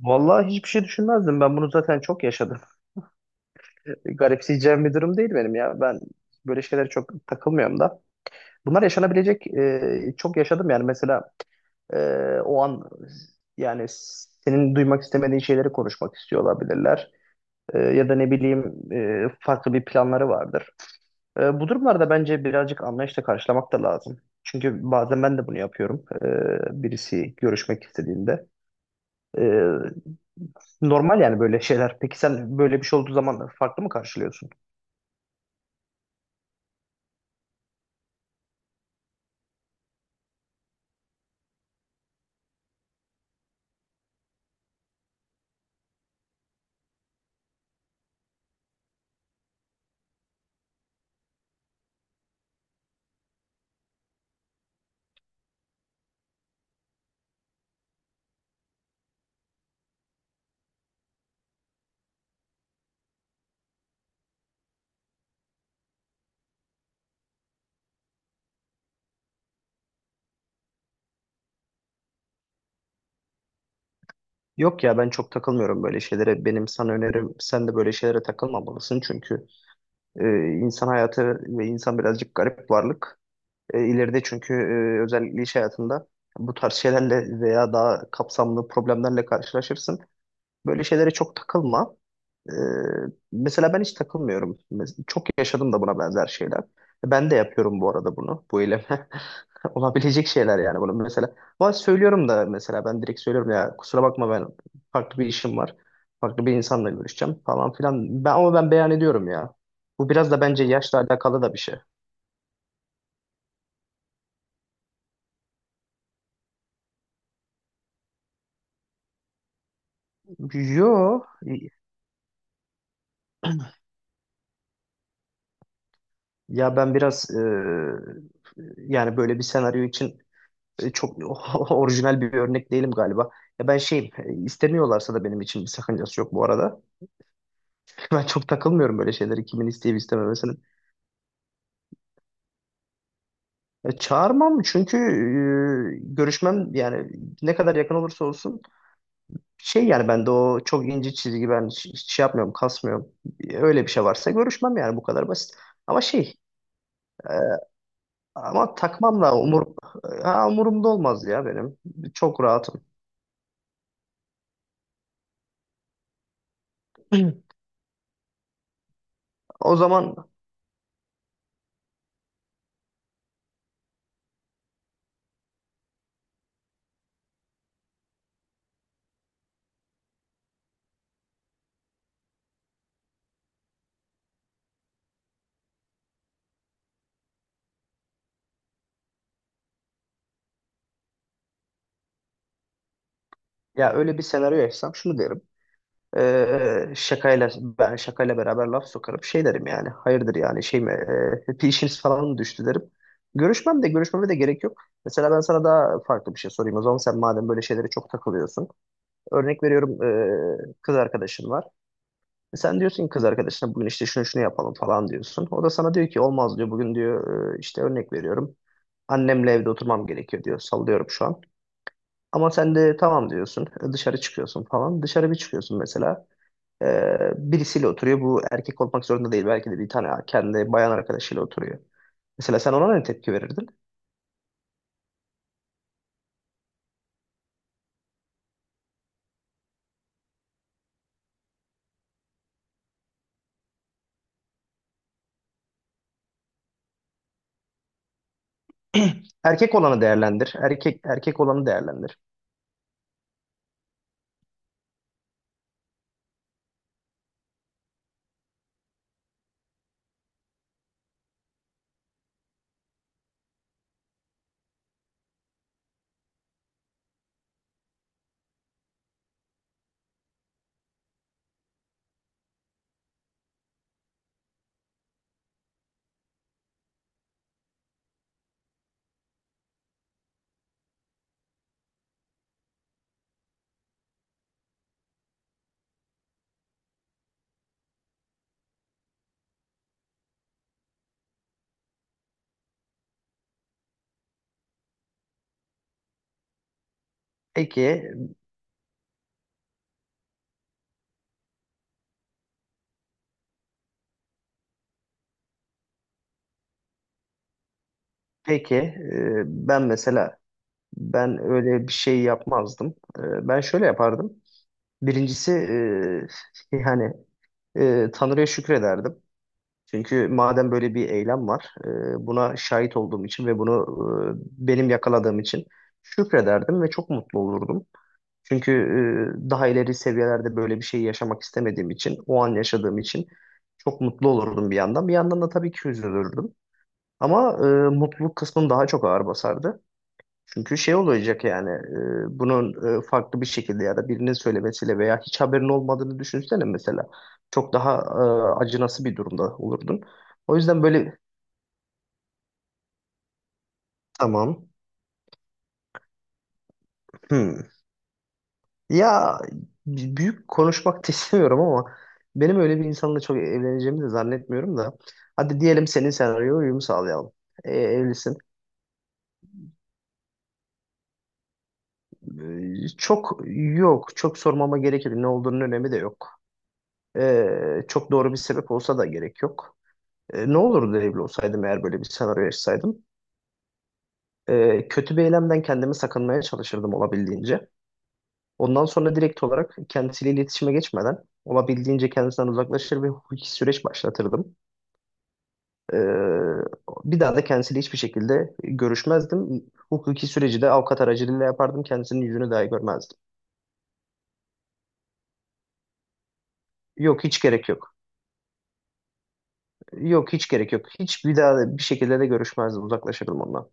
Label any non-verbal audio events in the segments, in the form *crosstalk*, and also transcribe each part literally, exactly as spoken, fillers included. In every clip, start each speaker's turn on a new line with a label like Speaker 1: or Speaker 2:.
Speaker 1: Vallahi hiçbir şey düşünmezdim. Ben bunu zaten çok yaşadım. *laughs* Garipseyeceğim bir durum değil benim ya. Ben böyle şeylere çok takılmıyorum da. Bunlar yaşanabilecek e, çok yaşadım yani. Mesela e, o an yani senin duymak istemediğin şeyleri konuşmak istiyor olabilirler. E, ya da ne bileyim e, farklı bir planları vardır. E, bu durumlarda bence birazcık anlayışla karşılamak da lazım. Çünkü bazen ben de bunu yapıyorum. E, birisi görüşmek istediğinde. Ee, Normal yani böyle şeyler. Peki sen böyle bir şey olduğu zaman farklı mı karşılıyorsun? Yok ya ben çok takılmıyorum böyle şeylere. Benim sana önerim sen de böyle şeylere takılmamalısın. Çünkü e, insan hayatı ve insan birazcık garip varlık. E, ileride çünkü e, özellikle iş hayatında bu tarz şeylerle veya daha kapsamlı problemlerle karşılaşırsın. Böyle şeylere çok takılma. Ee, Mesela ben hiç takılmıyorum. Mes- Çok yaşadım da buna benzer şeyler. Ben de yapıyorum bu arada bunu. Bu eylemi. *laughs* Olabilecek şeyler yani bunu mesela. Ama söylüyorum da mesela ben direkt söylüyorum ya kusura bakma ben farklı bir işim var. Farklı bir insanla görüşeceğim falan filan. Ben, ama ben beyan ediyorum ya. Bu biraz da bence yaşla alakalı da bir şey. Yo ya ben biraz e, yani böyle bir senaryo için E, çok *laughs* orijinal bir örnek değilim galiba. Ya ben şeyim, e, istemiyorlarsa da benim için bir sakıncası yok bu arada. *laughs* Ben çok takılmıyorum böyle şeyleri kimin isteyip istememesinin. E, çağırmam çünkü e, görüşmem yani ne kadar yakın olursa olsun şey yani ben de o çok ince çizgi ben hiç, hiç şey yapmıyorum, kasmıyorum. E, Öyle bir şey varsa görüşmem yani bu kadar basit. Ama şey e, ama takmam da umur, e, ha, umurumda olmaz ya benim. Çok rahatım. *clears throat* O zaman ya öyle bir senaryo yaşasam şunu derim. Ee, şakayla ben şakayla beraber laf sokarım. Şey derim yani. Hayırdır yani şey mi? E, bir işiniz falan mı düştü derim. Görüşmem de görüşmeme de gerek yok. Mesela ben sana daha farklı bir şey sorayım. O zaman sen madem böyle şeylere çok takılıyorsun. Örnek veriyorum e, kız arkadaşın var. E sen diyorsun ki kız arkadaşına bugün işte şunu şunu yapalım falan diyorsun. O da sana diyor ki olmaz diyor. Bugün diyor e, işte örnek veriyorum. Annemle evde oturmam gerekiyor diyor. Sallıyorum şu an. Ama sen de tamam diyorsun. E, Dışarı çıkıyorsun falan. Dışarı bir çıkıyorsun mesela. Ee, birisiyle oturuyor. Bu erkek olmak zorunda değil. Belki de bir tane kendi bayan arkadaşıyla oturuyor. Mesela sen ona ne tepki verirdin? *clears throat* Erkek olanı değerlendir. Erkek erkek olanı değerlendir. Peki, peki e, ben mesela ben öyle bir şey yapmazdım. E, ben şöyle yapardım. Birincisi e, yani e, Tanrı'ya şükrederdim. Çünkü madem böyle bir eylem var, e, buna şahit olduğum için ve bunu e, benim yakaladığım için şükrederdim ve çok mutlu olurdum. Çünkü e, daha ileri seviyelerde böyle bir şey yaşamak istemediğim için, o an yaşadığım için çok mutlu olurdum bir yandan. Bir yandan da tabii ki üzülürdüm. Ama e, mutluluk kısmım daha çok ağır basardı. Çünkü şey olacak yani e, bunun e, farklı bir şekilde ya da birinin söylemesiyle veya hiç haberin olmadığını düşünsene mesela. Çok daha e, acınası bir durumda olurdun. O yüzden böyle tamam. Hmm. Ya büyük konuşmak da *laughs* istemiyorum ama benim öyle bir insanla çok evleneceğimi de zannetmiyorum da. Hadi diyelim senin senaryoya uyum sağlayalım. E, evlisin. E, çok yok. Çok sormama gerek yok. Ne olduğunun önemi de yok. E, çok doğru bir sebep olsa da gerek yok. E, ne olurdu evli olsaydım eğer böyle bir senaryo yaşasaydım? E, kötü bir eylemden kendimi sakınmaya çalışırdım olabildiğince. Ondan sonra direkt olarak kendisiyle iletişime geçmeden olabildiğince kendisinden uzaklaşır ve hukuki süreç başlatırdım. Ee, Bir daha da kendisiyle hiçbir şekilde görüşmezdim. Hukuki süreci de avukat aracılığıyla yapardım. Kendisinin yüzünü dahi görmezdim. Yok hiç gerek yok. Yok hiç gerek yok. Hiç bir daha da bir şekilde de görüşmezdim. Uzaklaşırdım ondan.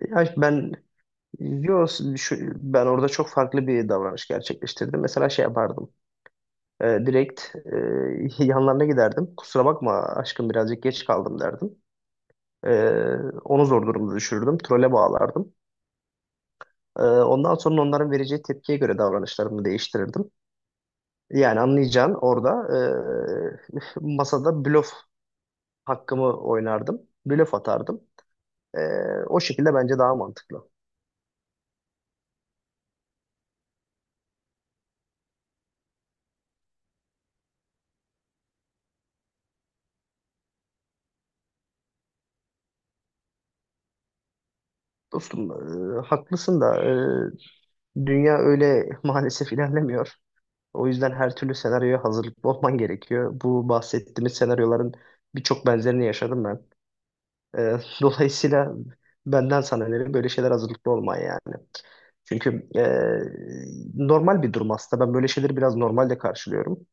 Speaker 1: Ya ben yok şu- ben orada çok farklı bir davranış gerçekleştirdim. Mesela şey yapardım. Ee, direkt e, *laughs* yanlarına giderdim. Kusura bakma aşkım birazcık geç kaldım derdim. Ee, Onu zor durumda düşürürdüm. Trole bağlardım. Ee, ondan sonra onların vereceği tepkiye göre davranışlarımı değiştirirdim. Yani anlayacağın orada e, masada blöf hakkımı oynardım. Blöf atardım. E, O şekilde bence daha mantıklı. Dostum e, haklısın da e, dünya öyle *laughs* maalesef ilerlemiyor. O yüzden her türlü senaryoya hazırlıklı olman gerekiyor. Bu bahsettiğimiz senaryoların birçok benzerini yaşadım ben. E, *laughs* dolayısıyla benden sana önerim böyle şeyler hazırlıklı olman yani. Çünkü e, normal bir durum aslında. Ben böyle şeyleri biraz normalde karşılıyorum.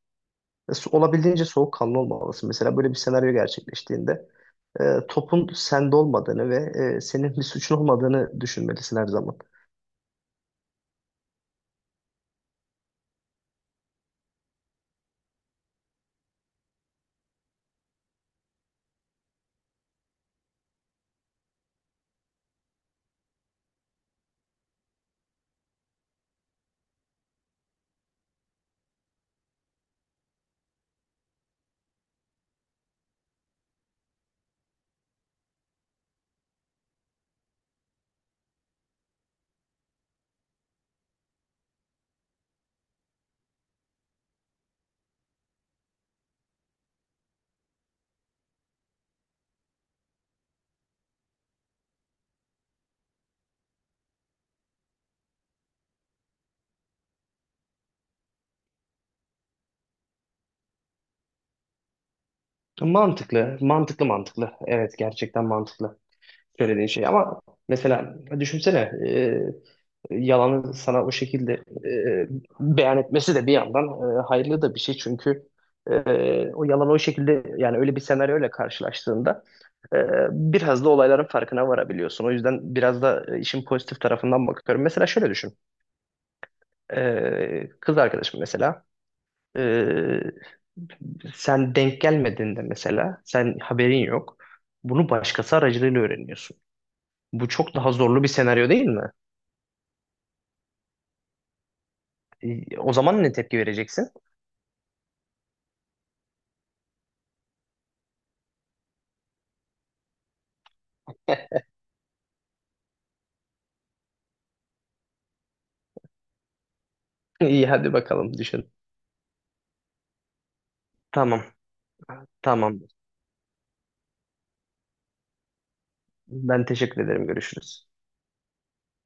Speaker 1: E, so- olabildiğince soğukkanlı olmalısın. Mesela böyle bir senaryo gerçekleştiğinde e, topun sende olmadığını ve e, senin bir suçun olmadığını düşünmelisin her zaman. Mantıklı, mantıklı, mantıklı. Evet, gerçekten mantıklı söylediğin şey. Ama mesela düşünsene e, yalanı sana o şekilde e, beyan etmesi de bir yandan e, hayırlı da bir şey. Çünkü e, o yalan o şekilde yani öyle bir senaryoyla karşılaştığında Ee, biraz da olayların farkına varabiliyorsun. O yüzden biraz da e, işin pozitif tarafından bakıyorum. Mesela şöyle düşün. Ee, kız arkadaşım mesela. ee, Sen denk gelmediğinde mesela sen haberin yok. Bunu başkası aracılığıyla öğreniyorsun. Bu çok daha zorlu bir senaryo değil mi? Ee, O zaman ne tepki vereceksin? *laughs* İyi hadi bakalım düşün. Tamam, tamam. Ben teşekkür ederim. Görüşürüz.